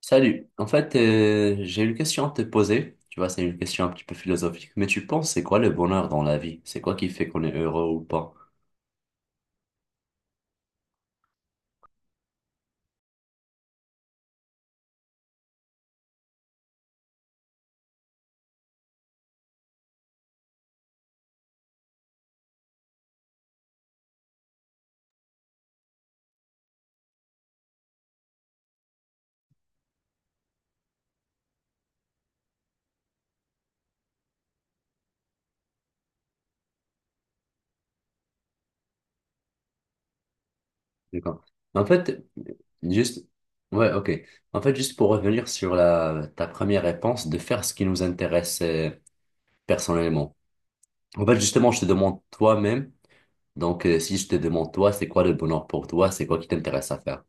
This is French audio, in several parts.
Salut. En fait, j'ai une question à te poser. Tu vois, c'est une question un petit peu philosophique, mais tu penses, c'est quoi le bonheur dans la vie? C'est quoi qui fait qu'on est heureux ou pas? D'accord. En fait, juste, ouais, ok. En fait, juste pour revenir sur ta première réponse, de faire ce qui nous intéresse personnellement. En fait, justement, je te demande toi-même. Donc, si je te demande, toi, c'est quoi le bonheur pour toi? C'est quoi qui t'intéresse à faire?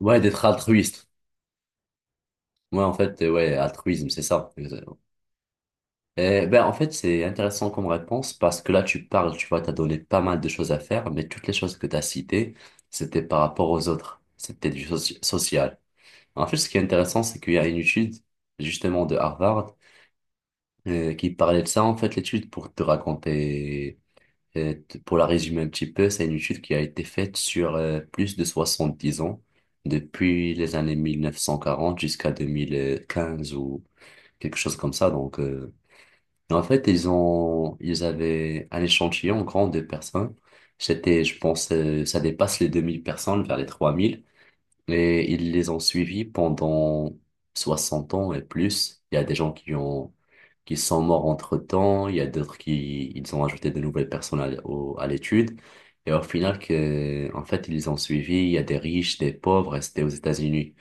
Ouais, d'être altruiste. Ouais, en fait, ouais, altruisme, c'est ça. Exactement. Et ben, en fait, c'est intéressant comme réponse parce que là, tu parles, tu vois, t'as donné pas mal de choses à faire, mais toutes les choses que t'as citées, c'était par rapport aux autres. C'était du social. En fait, ce qui est intéressant, c'est qu'il y a une étude, justement, de Harvard qui parlait de ça. En fait, l'étude, pour te raconter, pour la résumer un petit peu, c'est une étude qui a été faite sur plus de 70 ans, depuis les années 1940 jusqu'à 2015 ou quelque chose comme ça. Donc, en fait, ils avaient un échantillon grand de personnes. C'était, je pense, ça dépasse les 2000 personnes, vers les 3000. Et ils les ont suivis pendant 60 ans et plus. Il y a des gens qui sont morts entre-temps. Il y a d'autres ils ont ajouté de nouvelles personnes à l'étude. Et au final, en fait, ils les ont suivis. Il y a des riches, des pauvres, et c'était aux États-Unis.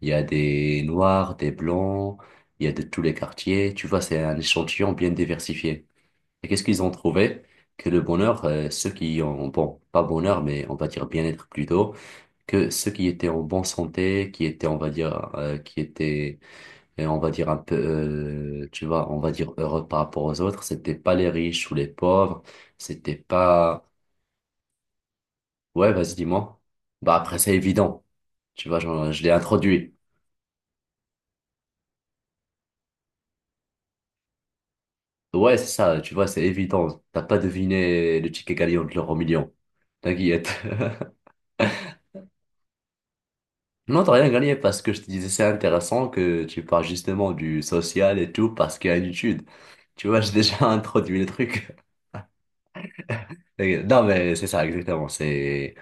Il y a des noirs, des blancs. Il y a de tous les quartiers. Tu vois, c'est un échantillon bien diversifié. Et qu'est-ce qu'ils ont trouvé? Que le bonheur, ceux bon, pas bonheur, mais on va dire bien-être plutôt, que ceux qui étaient en bonne santé, qui étaient, on va dire, on va dire un peu, tu vois, on va dire heureux par rapport aux autres, c'était pas les riches ou les pauvres, c'était pas, ouais, vas-y, dis-moi. Bah après, c'est évident, tu vois, genre, je l'ai introduit. Ouais, c'est ça, tu vois, c'est évident. T'as pas deviné le ticket gagnant de l'euro million. T'inquiète. Non, t'as rien gagné parce que je te disais, c'est intéressant que tu parles justement du social et tout parce qu'il y a une étude. Tu vois, j'ai déjà introduit le truc. Non, mais c'est ça, exactement. C'est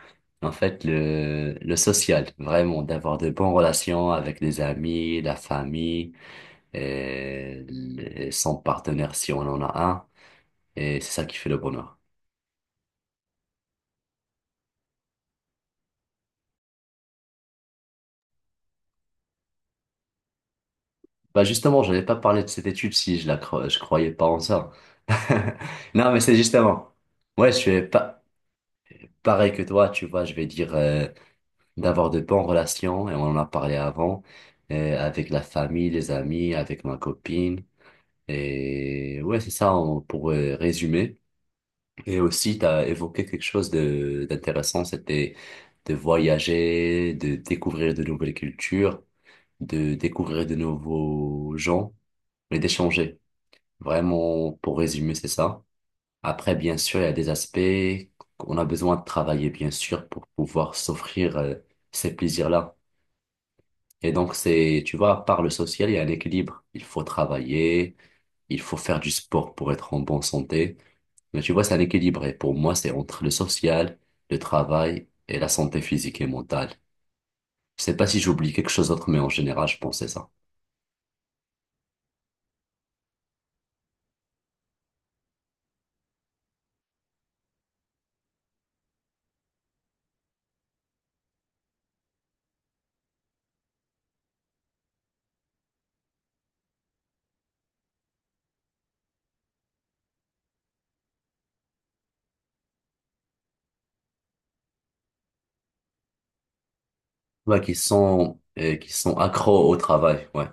en fait le social, vraiment, d'avoir de bonnes relations avec les amis, la famille et, son partenaire si on en a un. Et c'est ça qui fait le bonheur. Bah justement, je n'avais pas parlé de cette étude si je croyais pas en ça. Non, mais c'est justement. Ouais, je suis pas pareil que toi, tu vois, je vais dire d'avoir de bonnes relations, et on en a parlé avant, avec la famille, les amis, avec ma copine. Et ouais, c'est ça pour résumer. Et aussi, tu as évoqué quelque chose de d'intéressant, c'était de voyager, de découvrir de nouvelles cultures, de découvrir de nouveaux gens, mais d'échanger. Vraiment, pour résumer, c'est ça. Après, bien sûr, il y a des aspects qu'on a besoin de travailler, bien sûr, pour pouvoir s'offrir ces plaisirs-là. Et donc, c'est, tu vois, par le social, il y a un équilibre. Il faut travailler, il faut faire du sport pour être en bonne santé. Mais tu vois, c'est un équilibre. Et pour moi, c'est entre le social, le travail et la santé physique et mentale. Je sais pas si j'oublie quelque chose d'autre, mais en général, je pensais ça. Ouais, qui sont accros au travail. Ouais.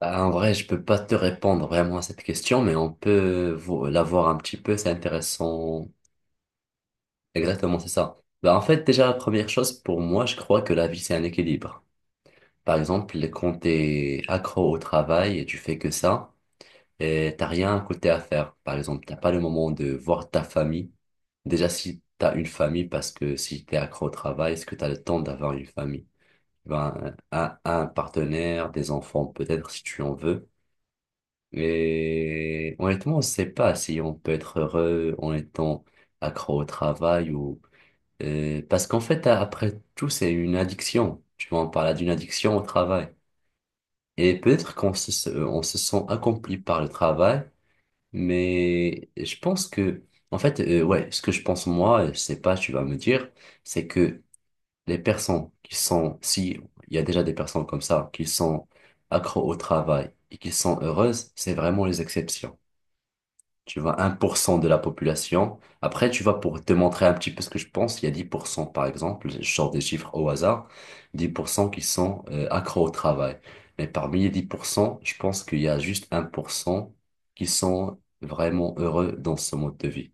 Ah, en vrai, je peux pas te répondre vraiment à cette question, mais on peut la voir un petit peu, c'est intéressant. Exactement, c'est ça. Bah, en fait, déjà, la première chose, pour moi, je crois que la vie, c'est un équilibre. Par exemple, quand t'es accro au travail et tu fais que ça, et t'as rien à côté à faire. Par exemple, t'as pas le moment de voir ta famille. Déjà, si t'as une famille, parce que si t'es accro au travail, est-ce que t'as le temps d'avoir une famille? Ben, un partenaire, des enfants, peut-être, si tu en veux. Et honnêtement, on ne sait pas si on peut être heureux en étant accro au travail ou... parce qu'en fait, après tout, c'est une addiction. Tu vois, on parle d'une addiction au travail. Et peut-être qu'on se sent accompli par le travail, mais je pense que... En fait, ouais, ce que je pense moi, je sais pas, tu vas me dire, c'est que les personnes qui sont... Si, il y a déjà des personnes comme ça, qui sont accro au travail et qui sont heureuses, c'est vraiment les exceptions, tu vois, 1% de la population. Après, tu vois, pour te montrer un petit peu ce que je pense, il y a 10% par exemple, je sors des chiffres au hasard, 10% qui sont accros au travail. Mais parmi les 10%, je pense qu'il y a juste 1% qui sont vraiment heureux dans ce mode de vie.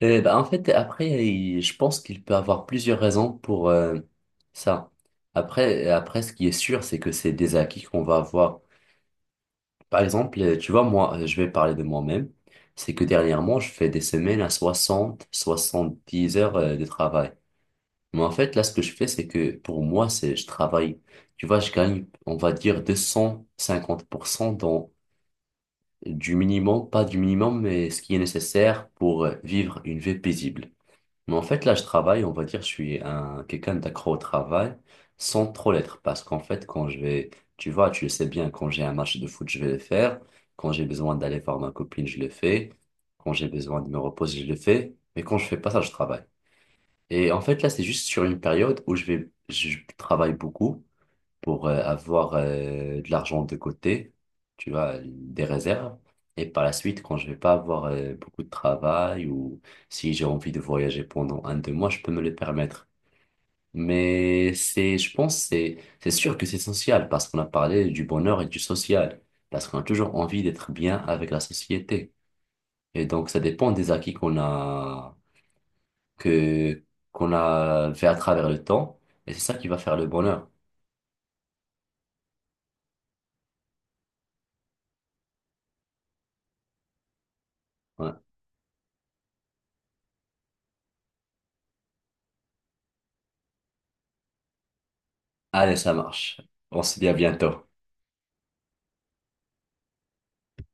Et ben, en fait, après, je pense qu'il peut avoir plusieurs raisons pour ça. Après, après, ce qui est sûr, c'est que c'est des acquis qu'on va avoir. Par exemple, tu vois, moi, je vais parler de moi-même. C'est que dernièrement, je fais des semaines à soixante, 70 heures de travail. Mais en fait, là, ce que je fais, c'est que pour moi, je travaille. Tu vois, je gagne, on va dire, 250% du minimum, pas du minimum, mais ce qui est nécessaire pour vivre une vie paisible. Mais en fait, là, je travaille, on va dire, je suis un quelqu'un d'accro au travail sans trop l'être. Parce qu'en fait, tu vois, tu le sais bien, quand j'ai un match de foot, je vais le faire. Quand j'ai besoin d'aller voir ma copine, je le fais. Quand j'ai besoin de me reposer, je le fais. Mais quand je fais pas ça, je travaille. Et en fait, là, c'est juste sur une période où je travaille beaucoup pour avoir de l'argent de côté, tu vois, des réserves. Et par la suite, quand je vais pas avoir beaucoup de travail ou si j'ai envie de voyager pendant un, deux mois, je peux me le permettre. Mais c'est, je pense, c'est sûr que c'est social parce qu'on a parlé du bonheur et du social, parce qu'on a toujours envie d'être bien avec la société. Et donc, ça dépend des acquis qu'on a, que, qu'on a fait à travers le temps. Et c'est ça qui va faire le bonheur. Ouais. Allez, ça marche. On se dit à bientôt.